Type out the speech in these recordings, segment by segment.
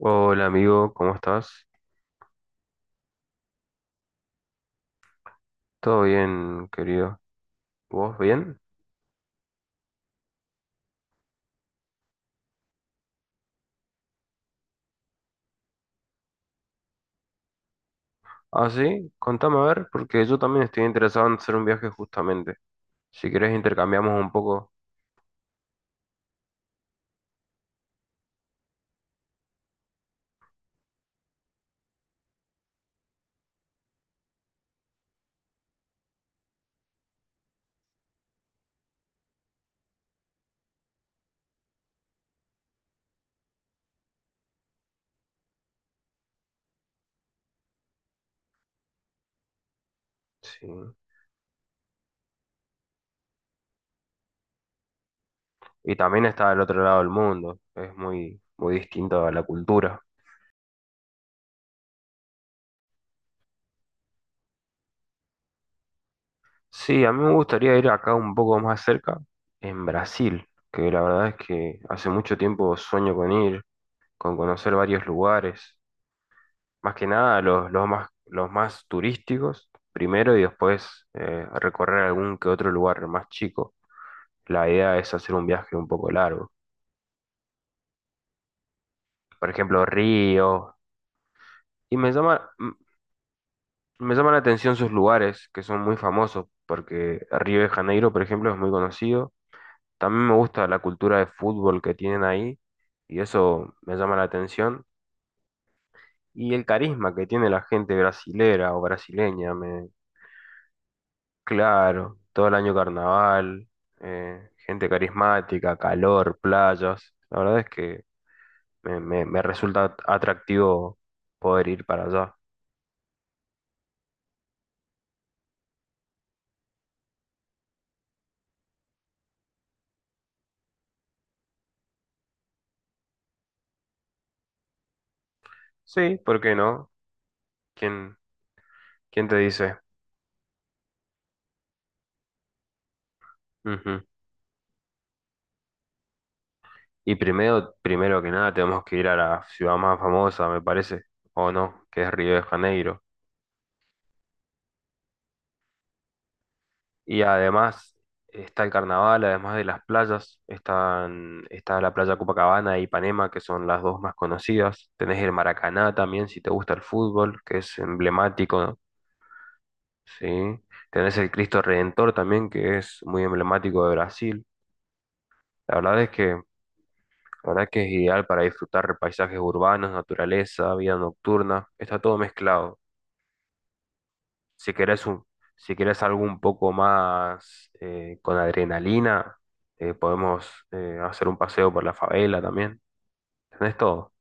Hola amigo, ¿cómo estás? ¿Todo bien, querido? ¿Vos bien? Ah, sí, contame a ver, porque yo también estoy interesado en hacer un viaje justamente. Si querés intercambiamos un poco. Sí. Y también está del otro lado del mundo, es muy, muy distinto a la cultura. Sí, a mí me gustaría ir acá un poco más cerca, en Brasil, que la verdad es que hace mucho tiempo sueño con ir, con conocer varios lugares. Más que nada los, los más turísticos primero y después recorrer algún que otro lugar más chico. La idea es hacer un viaje un poco largo. Por ejemplo, Río. Y me llama, me llama la atención sus lugares que son muy famosos porque Río de Janeiro, por ejemplo, es muy conocido. También me gusta la cultura de fútbol que tienen ahí y eso me llama la atención. Y el carisma que tiene la gente brasilera o brasileña. Claro, todo el año carnaval, gente carismática, calor, playas. La verdad es que me resulta atractivo poder ir para allá. Sí, ¿por qué no? ¿Quién, quién te dice? Ujú. Y primero, primero que nada, tenemos que ir a la ciudad más famosa, me parece, o no, que es Río de Janeiro. Y además está el carnaval, además de las playas, están, está la playa Copacabana y Ipanema, que son las dos más conocidas. Tenés el Maracaná también, si te gusta el fútbol, que es emblemático, ¿sí? Tenés el Cristo Redentor también, que es muy emblemático de Brasil. La verdad es que, la verdad que es ideal para disfrutar paisajes urbanos, naturaleza, vida nocturna. Está todo mezclado. Si querés un, si querés algo un poco más con adrenalina, podemos hacer un paseo por la favela también. Tenés todo.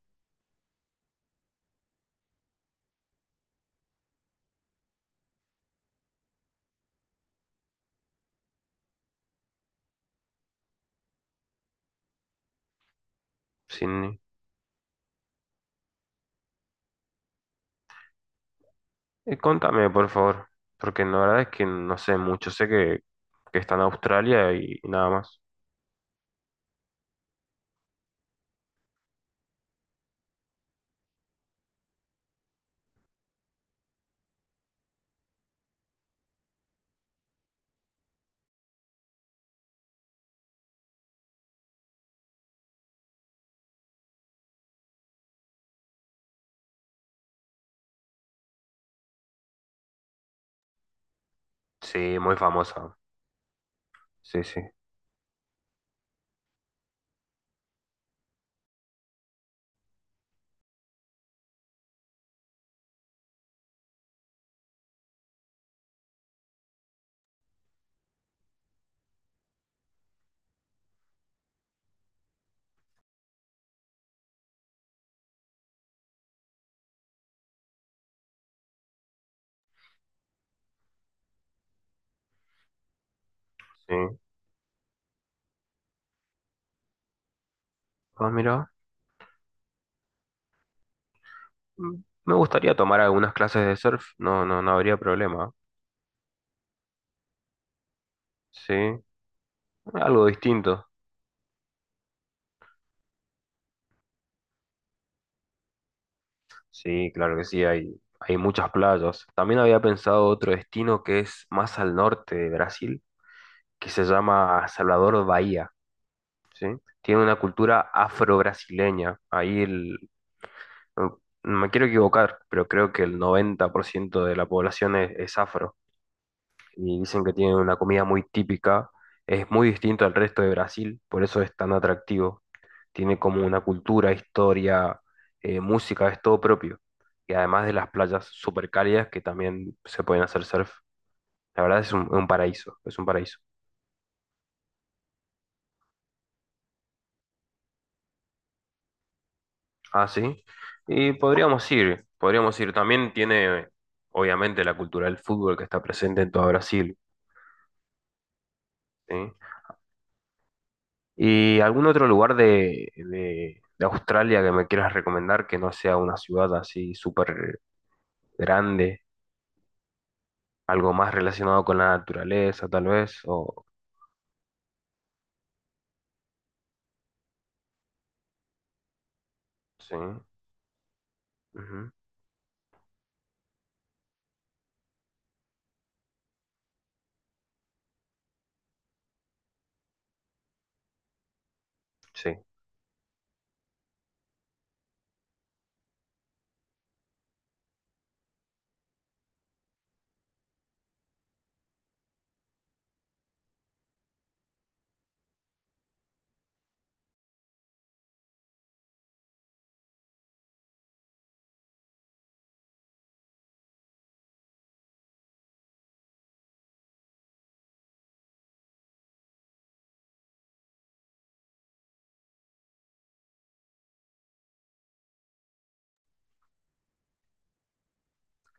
Sin... contame, por favor, porque la verdad es que no sé mucho. Sé que está en Australia y nada más. Sí, muy famosa. Sí, sí, sí. Ah, mira. Mm, Me gustaría tomar algunas clases de surf. No, no, no habría problema. Sí, algo distinto. Sí, claro que sí, hay muchas playas. También había pensado otro destino que es más al norte de Brasil, que se llama Salvador Bahía, ¿sí? Tiene una cultura afro-brasileña. Ahí el, no no me quiero equivocar, pero creo que el 90% de la población es afro. Y dicen que tienen una comida muy típica, es muy distinto al resto de Brasil, por eso es tan atractivo. Tiene como una cultura, historia, música, es todo propio. Y además de las playas súper cálidas que también se pueden hacer surf. La verdad es un paraíso, es un paraíso. Ah, sí. Y podríamos ir, podríamos ir. También tiene, obviamente, la cultura del fútbol que está presente en todo Brasil. ¿Sí? ¿Y algún otro lugar de, de Australia que me quieras recomendar que no sea una ciudad así súper grande? Algo más relacionado con la naturaleza, tal vez, o... Sí. Ujú, sí,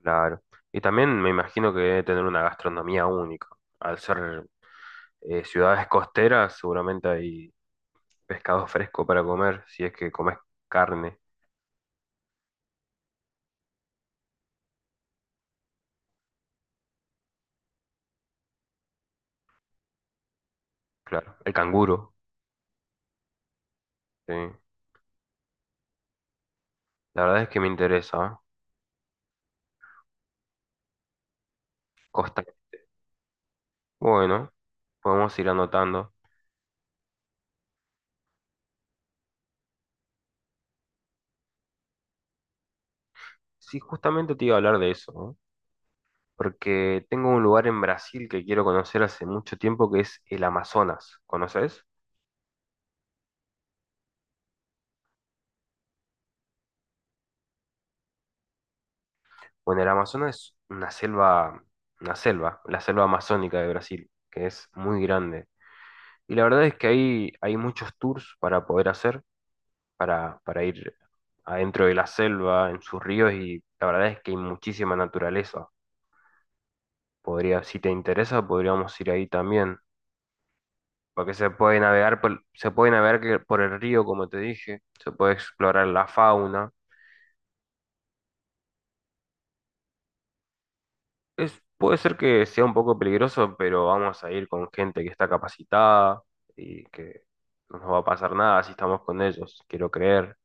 claro. Y también me imagino que debe tener una gastronomía única. Al ser ciudades costeras, seguramente hay pescado fresco para comer, si es que comes carne, claro. El canguro, sí. La verdad es que me interesa, ¿eh? Costa. Bueno, podemos ir anotando. Sí, justamente te iba a hablar de eso, ¿no? Porque tengo un lugar en Brasil que quiero conocer hace mucho tiempo que es el Amazonas. ¿Conoces? Bueno, el Amazonas es una selva, la selva amazónica de Brasil, que es muy grande. Y la verdad es que hay muchos tours para poder hacer, para ir adentro de la selva, en sus ríos, y la verdad es que hay muchísima naturaleza. Podría, si te interesa, podríamos ir ahí también, porque se puede navegar por, se puede navegar por el río, como te dije, se puede explorar la fauna. Es, puede ser que sea un poco peligroso, pero vamos a ir con gente que está capacitada y que no nos va a pasar nada si estamos con ellos, quiero creer.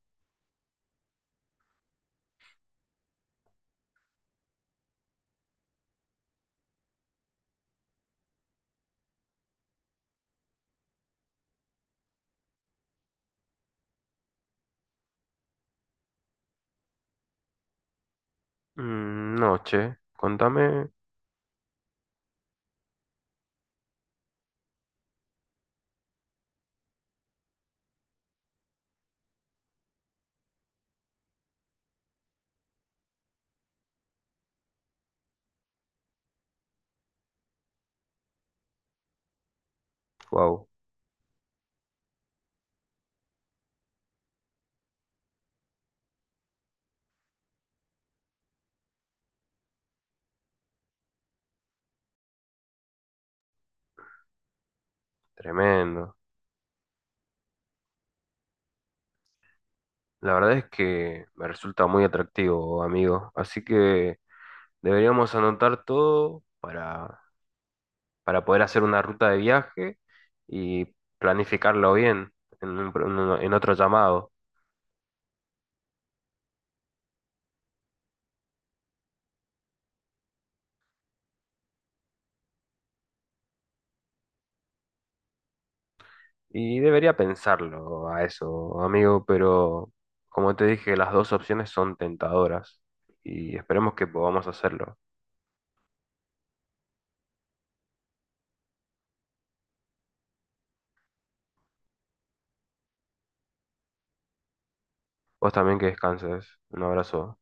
Mm, no, che, contame. Wow, tremendo. La verdad es que me resulta muy atractivo, amigo. Así que deberíamos anotar todo para poder hacer una ruta de viaje y planificarlo bien en un pro- en un- en otro llamado. Y debería pensarlo a eso, amigo, pero como te dije, las dos opciones son tentadoras y esperemos que podamos hacerlo. Vos también que descanses. Un abrazo.